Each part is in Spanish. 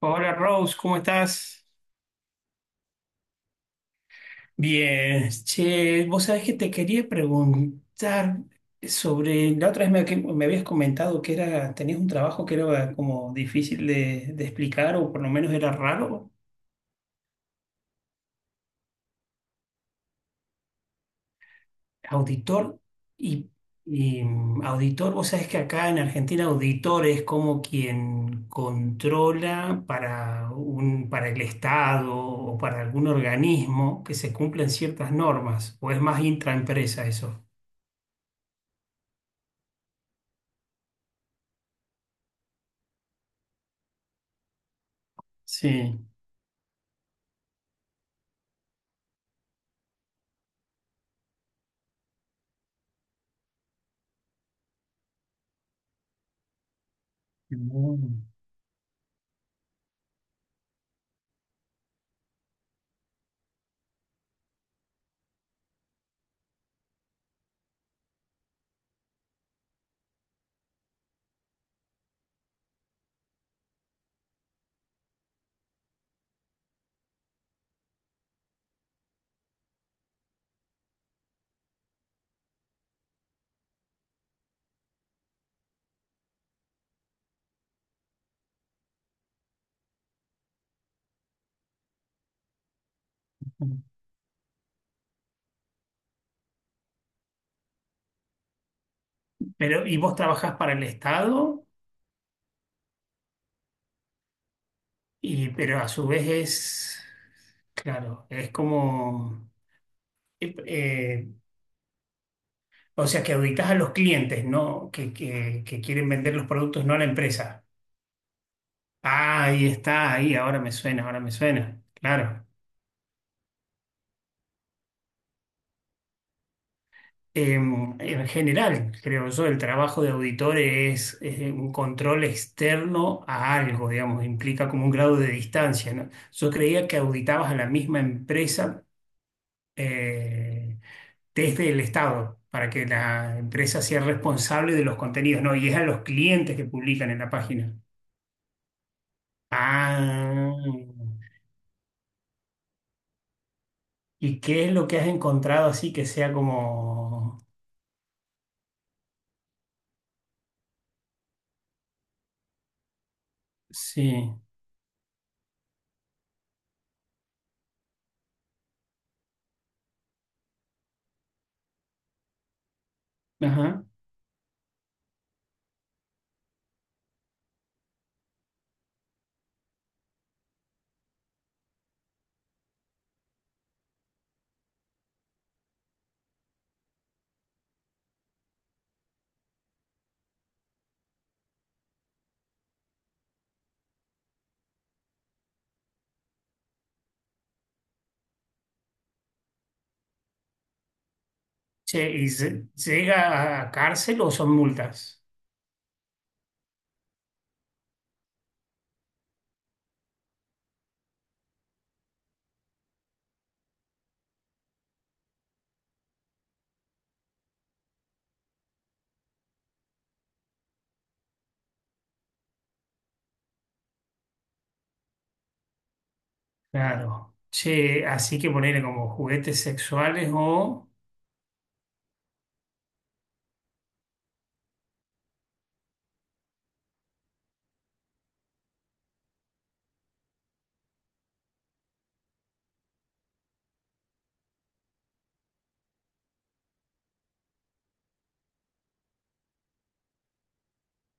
Hola Rose, ¿cómo estás? Bien, che, vos sabés que te quería preguntar sobre, la otra vez me, que me habías comentado que era, tenías un trabajo que era como difícil de explicar o por lo menos era raro, auditor y, y, auditor, vos sabés que acá en Argentina auditor es como quien controla para para el Estado o para algún organismo que se cumplan ciertas normas, o es más intraempresa eso. Sí. Mm. Pero, ¿y vos trabajás para el Estado? Y, pero a su vez es, claro, es como, eh, eh, o sea, que auditas a los clientes, ¿no? Que quieren vender los productos, no a la empresa. Ah, ahí está, ahí, ahora me suena, ahora me suena. Claro. En general, creo yo, el trabajo de auditor es, un control externo a algo, digamos, implica como un grado de distancia, ¿no? Yo creía que auditabas a la misma empresa eh, desde el Estado para que la empresa sea responsable de los contenidos, ¿no? Y es a los clientes que publican en la página. Ah, ¿y qué es lo que has encontrado así que sea como... Sí, ajá. Che, ¿y se- llega a cárcel o son multas? Claro. Che, así que ponerle como juguetes sexuales o...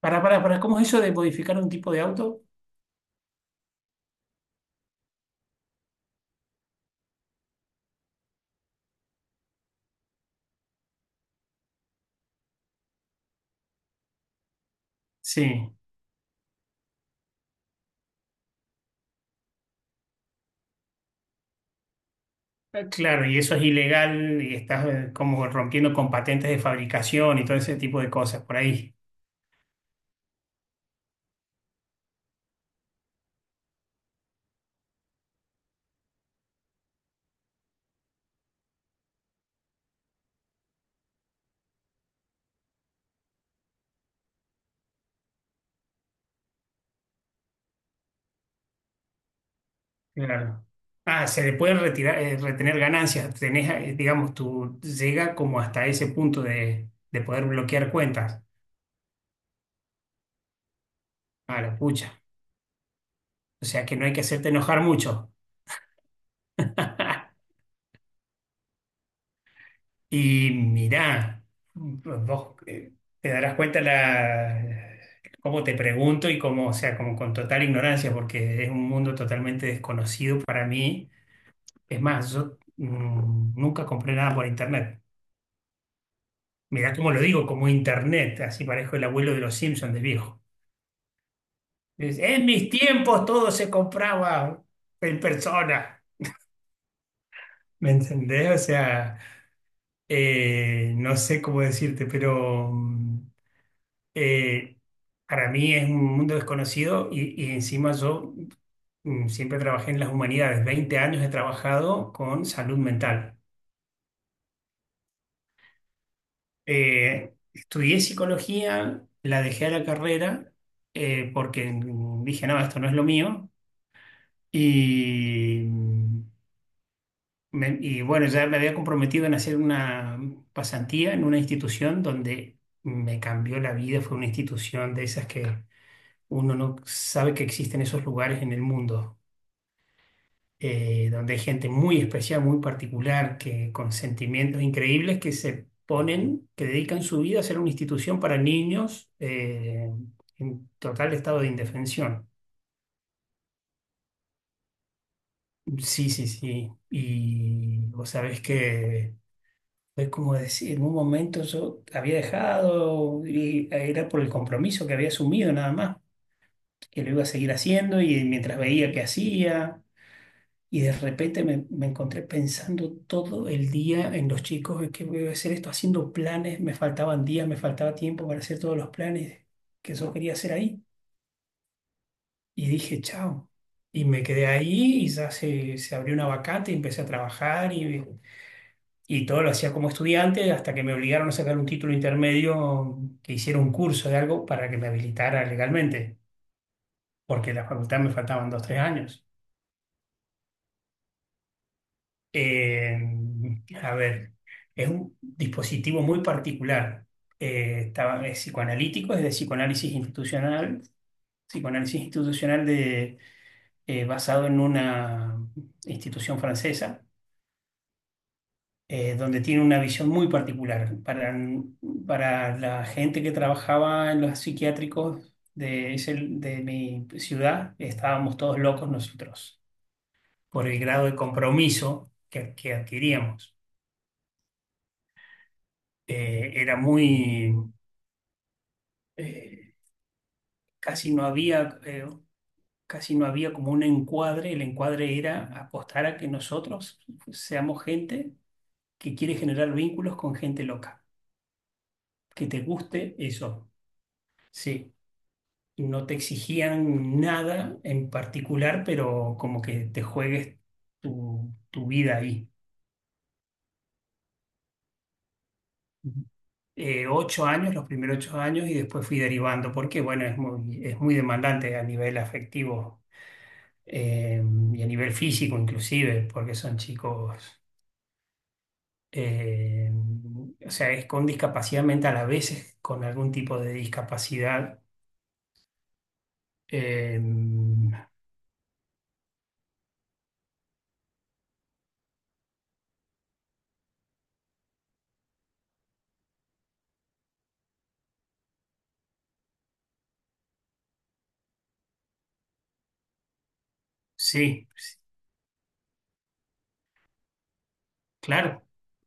Para, ¿cómo es eso de modificar un tipo de auto? Sí. Ah, claro, y eso es ilegal y estás como rompiendo con patentes de fabricación y todo ese tipo de cosas por ahí. Claro. Ah, se le puede retirar, retener ganancias. Tenés, digamos, tú llega como hasta ese punto de poder bloquear cuentas. A la pucha. O sea que no hay que hacerte enojar mucho. Y mirá, vos te darás cuenta la, cómo te pregunto y cómo, o sea, como con total ignorancia, porque es un mundo totalmente desconocido para mí. Es más, yo nunca compré nada por internet. Mirá cómo lo digo, como internet, así parezco el abuelo de los Simpsons de viejo. Es, en mis tiempos todo se compraba en persona, ¿me entendés? O sea, no sé cómo decirte, pero... eh, para mí es un mundo desconocido y encima yo siempre trabajé en las humanidades. 20 años he trabajado con salud mental. Estudié psicología, la dejé a la carrera porque dije, no, esto no es lo mío. Y y bueno, ya me había comprometido en hacer una pasantía en una institución donde me cambió la vida. Fue una institución de esas que uno no sabe que existen esos lugares en el mundo. Donde hay gente muy especial, muy particular, que con sentimientos increíbles que se ponen, que dedican su vida a ser una institución para niños en total estado de indefensión. Sí, sí, sí. Y vos sabés que es como decir, en un momento yo había dejado y era por el compromiso que había asumido nada más, que lo iba a seguir haciendo y mientras veía que hacía. Y de repente me encontré pensando todo el día en los chicos, en qué voy a hacer esto, haciendo planes, me faltaban días, me faltaba tiempo para hacer todos los planes que yo quería hacer ahí. Y dije, chao. Y me quedé ahí y ya se abrió una vacante y empecé a trabajar y todo lo hacía como estudiante hasta que me obligaron a sacar un título intermedio que hiciera un curso de algo para que me habilitara legalmente, porque en la facultad me faltaban 2, 3 años. Eh, a ver, es un dispositivo muy particular. Es psicoanalítico, es de psicoanálisis institucional de, basado en una institución francesa, donde tiene una visión muy particular. Para la gente que trabajaba en los psiquiátricos de mi ciudad, estábamos todos locos nosotros por el grado de compromiso que adquiríamos. Era muy, eh, casi no había, eh, casi no había como un encuadre, el encuadre era apostar a que nosotros seamos gente que quiere generar vínculos con gente loca, que te guste eso, sí. No te exigían nada en particular, pero como que te juegues tu vida ahí. 8 años, los primeros 8 años, y después fui derivando, porque bueno, es muy demandante a nivel afectivo eh, y a nivel físico inclusive, porque son chicos, eh, o sea, es con discapacidad mental, a veces con algún tipo de discapacidad. Eh, sí, sí, claro.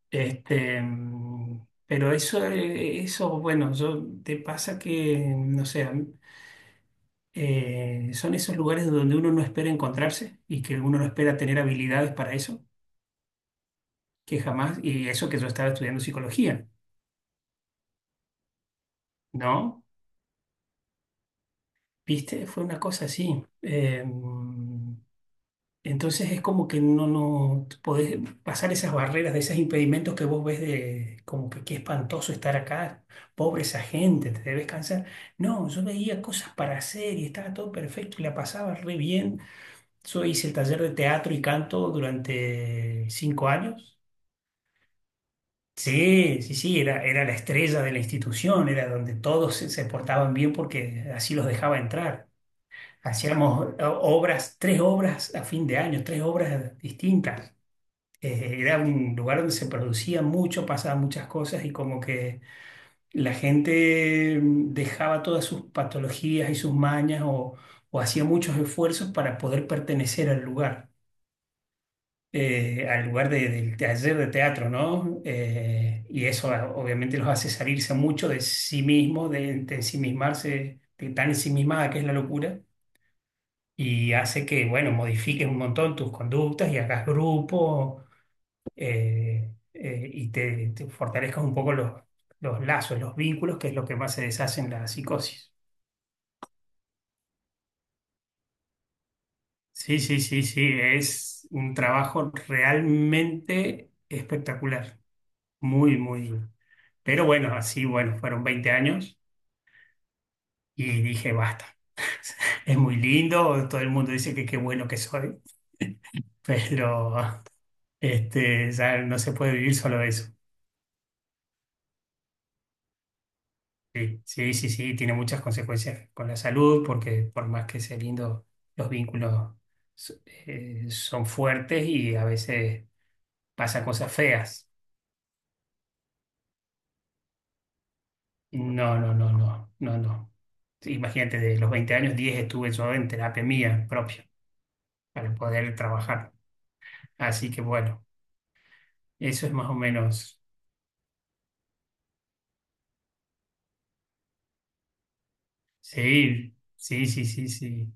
Pero eso, eso, bueno, yo, te pasa que, no sé, a mí, son esos lugares donde uno no espera encontrarse y que uno no espera tener habilidades para eso, que jamás, y eso que yo estaba estudiando psicología, ¿no? ¿Viste? Fue una cosa así. Entonces es como que no, no podés pasar esas barreras, de esos impedimentos que vos ves de como que qué espantoso estar acá, pobre esa gente, te debes cansar. No, yo veía cosas para hacer y estaba todo perfecto y la pasaba re bien. Yo hice el taller de teatro y canto durante 5 años. Sí, sí, sí, era, era la estrella de la institución, era donde todos se portaban bien porque así los dejaba entrar. Hacíamos obras, 3 obras a fin de año, 3 obras distintas. Era un lugar donde se producía mucho, pasaban muchas cosas y como que la gente dejaba todas sus patologías y sus mañas o hacía muchos esfuerzos para poder pertenecer al lugar del taller de teatro, ¿no? Y eso ah, obviamente los hace salirse mucho de sí mismos, de ensimismarse, de tan ensimismada que es la locura y hace que, bueno, modifiques un montón tus conductas y hagas grupo y te fortalezcas un poco los lazos, los vínculos, que es lo que más se deshace en la psicosis. Sí, sí, sí, sí, es un trabajo realmente espectacular, muy, muy. Pero bueno, así, bueno, fueron 20 años y dije, basta. Es muy lindo, todo el mundo dice que qué bueno que soy, pero este, ya no se puede vivir solo de eso. Sí, sí, sí, sí, tiene muchas consecuencias con la salud, porque por más que sea lindo, los vínculos so- son fuertes y a veces pasa cosas feas. No, no, no, no, no, no. Sí, imagínate, de los 20 años, 10 estuve yo en terapia mía propia para poder trabajar. Así que bueno, eso es más o menos. Sí, sí, sí, sí, sí.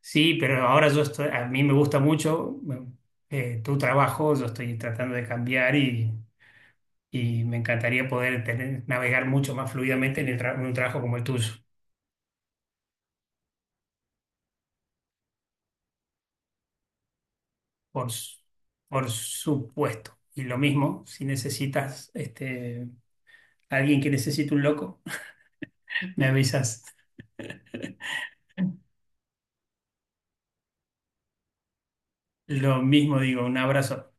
Sí, pero ahora yo estoy, a mí me gusta mucho tu trabajo, yo estoy tratando de cambiar y me encantaría poder tener, navegar mucho más fluidamente en, en un trabajo como el tuyo, por, su- por supuesto. Y lo mismo, si necesitas este, alguien que necesite un loco, me avisas. Lo mismo digo, un abrazo.